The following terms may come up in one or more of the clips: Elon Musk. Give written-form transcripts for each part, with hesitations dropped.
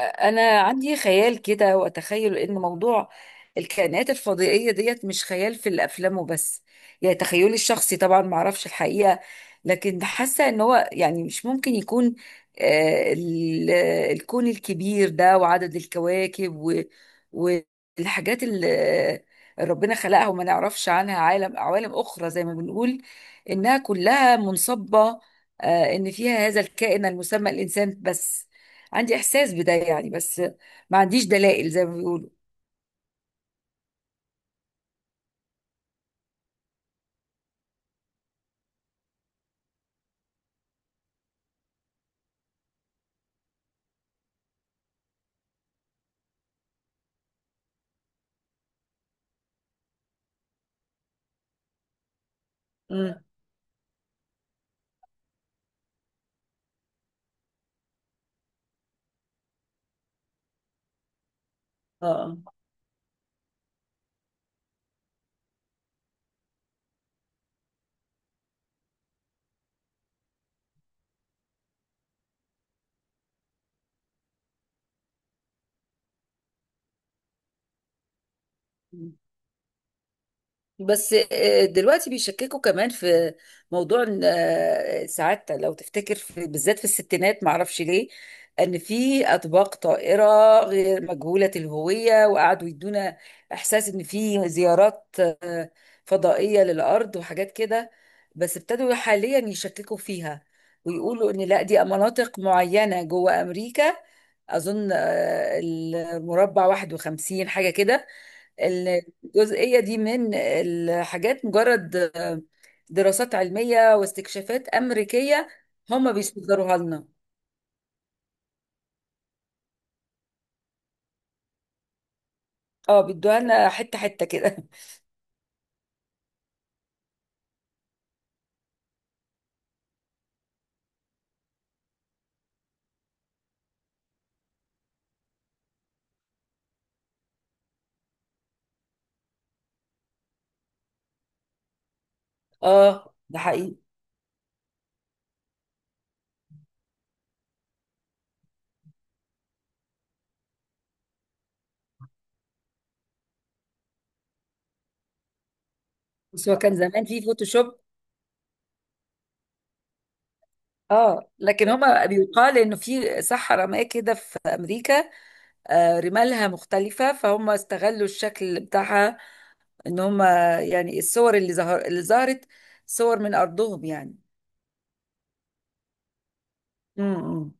انا عندي خيال كده واتخيل ان موضوع الكائنات الفضائيه ديت مش خيال في الافلام وبس. يعني تخيلي الشخصي طبعا ما اعرفش الحقيقه، لكن حاسه ان هو يعني مش ممكن يكون آه، ال- الكون الكبير ده وعدد الكواكب والحاجات اللي ربنا خلقها وما نعرفش عنها، عالم، عوالم اخرى زي ما بنقول انها كلها منصبه ان فيها هذا الكائن المسمى الانسان بس. عندي احساس بده يعني، بس ما عنديش دلائل زي ما بيقولوا. مم. اه آه. مم. بس دلوقتي بيشككوا كمان في موضوع إن ساعات لو تفتكر، في بالذات في الستينات، معرفش ليه، ان في اطباق طائره غير مجهوله الهويه، وقعدوا يدونا احساس ان في زيارات فضائيه للارض وحاجات كده. بس ابتدوا حاليا يشككوا فيها، ويقولوا ان لا، دي مناطق معينه جوه امريكا. اظن المربع 51 حاجه كده. الجزئية دي من الحاجات، مجرد دراسات علمية واستكشافات أمريكية هم بيصدروها لنا. اه، بيدوها لنا حتة حتة كده. اه، ده حقيقي. بس هو كان زمان في فوتوشوب. اه، لكن هما بيقال انه في صحراء ما كده في امريكا، آه، رمالها مختلفة، فهم استغلوا الشكل بتاعها ان هم يعني الصور اللي ظهرت صور من ارضهم يعني. امم.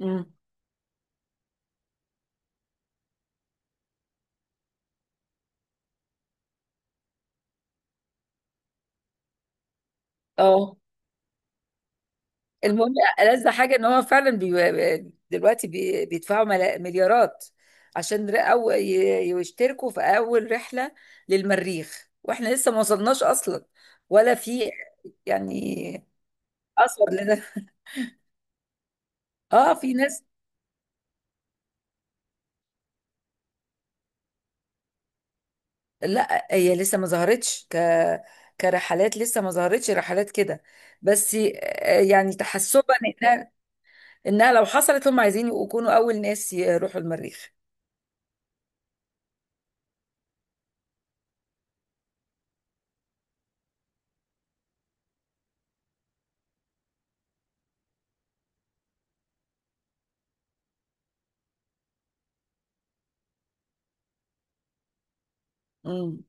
امم. اه. المهم، ألذ حاجة ان هو فعلا دلوقتي بيدفعوا مليارات عشان يشتركوا في اول رحلة للمريخ، واحنا لسه ما وصلناش اصلا ولا في يعني اثر لنا. اه، في ناس. لا، هي لسه ما ظهرتش ك كرحلات، لسه ما ظهرتش رحلات كده. بس يعني تحسبا انها لو حصلت هم عايزين يكونوا اول ناس يروحوا المريخ. امم.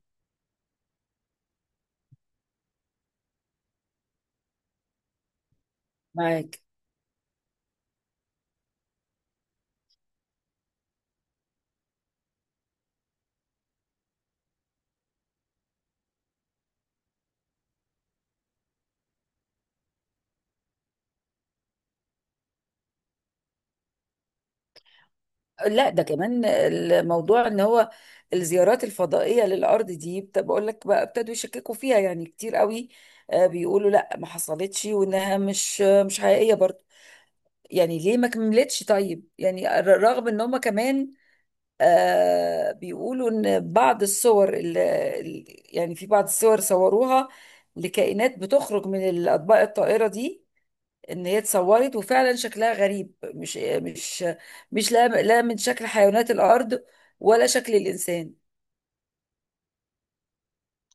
معاك. لا، ده كمان الموضوع ان هو الزيارات الفضائيه للارض دي بقول لك بقى ابتدوا يشككوا فيها يعني كتير قوي. بيقولوا لا، ما حصلتش، وانها مش حقيقيه برضه. يعني ليه ما كملتش طيب؟ يعني رغم ان هم كمان بيقولوا ان بعض الصور اللي يعني، في بعض الصور صوروها لكائنات بتخرج من الاطباق الطائره دي، ان هي اتصورت وفعلا شكلها غريب، مش مش مش لا لا من شكل حيوانات الارض ولا شكل الانسان.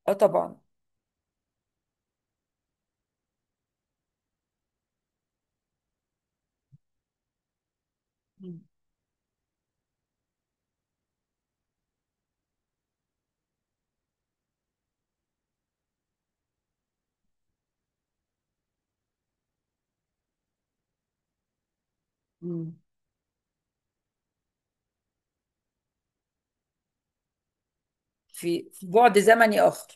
اه طبعا. مم. مم. في بعد زمني اخر.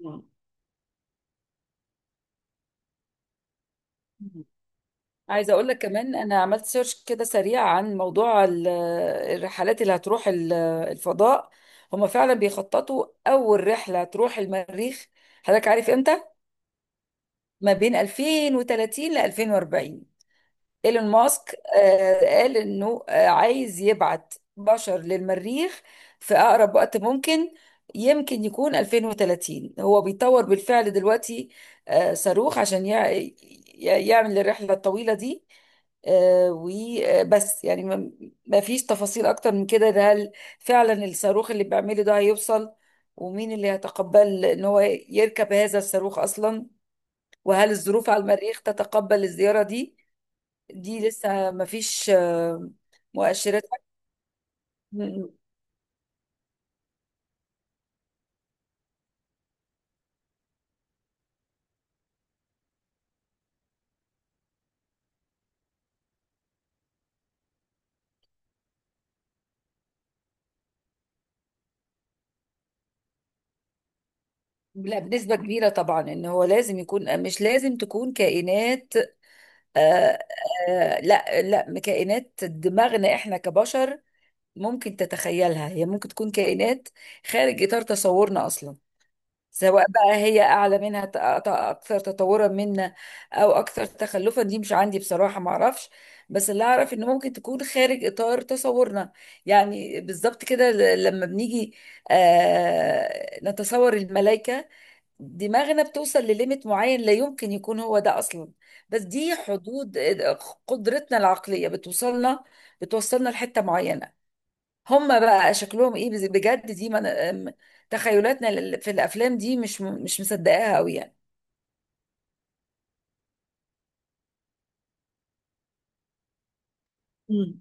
مم. مم. عايزه اقول لك كمان، انا عملت سيرش كده سريع عن موضوع الرحلات اللي هتروح الفضاء. هما فعلا بيخططوا اول رحله تروح المريخ. حضرتك عارف امتى؟ ما بين 2030 ل 2040. ايلون ماسك قال انه عايز يبعت بشر للمريخ في اقرب وقت ممكن، يمكن يكون 2030. هو بيطور بالفعل دلوقتي صاروخ عشان يعمل الرحلة الطويلة دي. وبس يعني ما فيش تفاصيل اكتر من كده. ده هل فعلا الصاروخ اللي بيعمله ده هيوصل؟ ومين اللي هيتقبل ان هو يركب هذا الصاروخ اصلا؟ وهل الظروف على المريخ تتقبل الزيارة دي؟ دي لسه ما فيش مؤشرات. م- لا، بنسبة كبيرة طبعا، ان هو لازم يكون، مش لازم تكون كائنات آه، آه، لا لا كائنات دماغنا احنا كبشر ممكن تتخيلها. هي ممكن تكون كائنات خارج اطار تصورنا اصلا. سواء بقى هي اعلى منها، اكثر تطورا منا او اكثر تخلفا، دي مش عندي بصراحه، ما اعرفش. بس اللي اعرف انه ممكن تكون خارج اطار تصورنا. يعني بالظبط كده، لما بنيجي نتصور الملائكه، دماغنا بتوصل لليميت معين، لا يمكن يكون هو ده اصلا. بس دي حدود قدرتنا العقليه، بتوصلنا لحته معينه. هم بقى شكلهم ايه بجد؟ دي من... أم- تخيلاتنا في الافلام. دي مش مصدقاها قوي يعني. مم.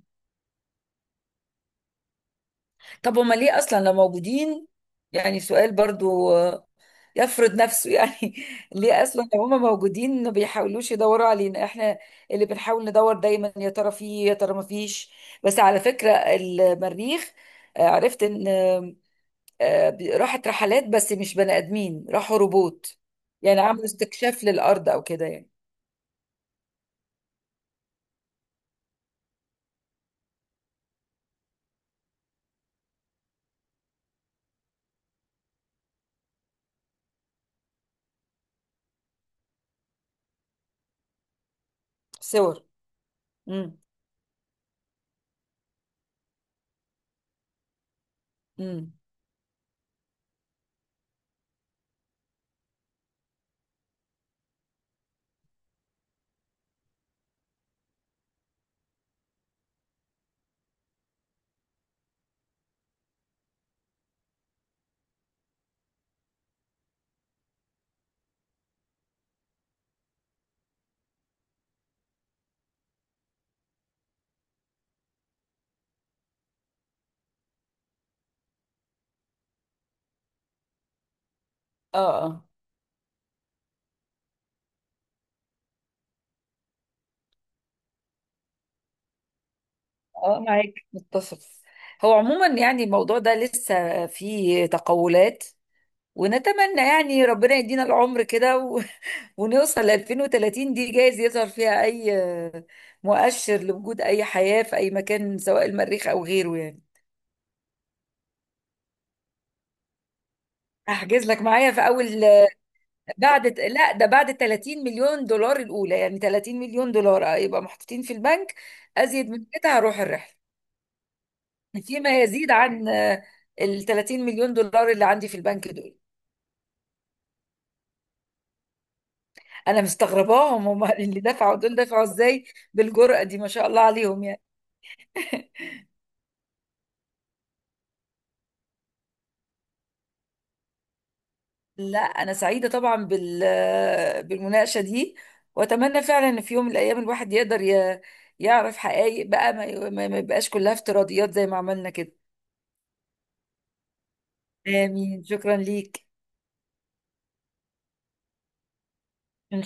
طب هما ليه اصلا لو موجودين؟ يعني سؤال برضو يفرض نفسه يعني. ليه اصلا لو هما موجودين ما بيحاولوش يدوروا علينا، احنا اللي بنحاول ندور دايما يا ترى فيه يا ترى ما فيش؟ بس على فكرة، المريخ عرفت ان راحت رحلات، بس مش بني ادمين، راحوا روبوت. يعني عملوا استكشاف للارض او كده يعني. صور. امم. امم. اه. اه. اه معاك، متفق. هو عموما يعني الموضوع ده لسه فيه تقولات، ونتمنى يعني ربنا يدينا العمر كده ونوصل ل 2030. دي جايز يظهر فيها اي مؤشر لوجود اي حياة في اي مكان، سواء المريخ او غيره يعني. احجز لك معايا في اول، بعد، لا، ده بعد 30 مليون دولار الاولى. يعني 30 مليون دولار يبقى محطوطين في البنك ازيد من كده، هروح الرحلة. فيما يزيد عن ال 30 مليون دولار اللي عندي في البنك دول. انا مستغرباهم هم اللي دفعوا دول دفعوا ازاي بالجرأة دي، ما شاء الله عليهم يعني. لا، انا سعيدة طبعا بال بالمناقشة دي، واتمنى فعلا ان في يوم من الايام الواحد يقدر يعرف حقائق بقى، ما ما يبقاش كلها افتراضيات زي ما عملنا كده. امين، شكرا ليك. إن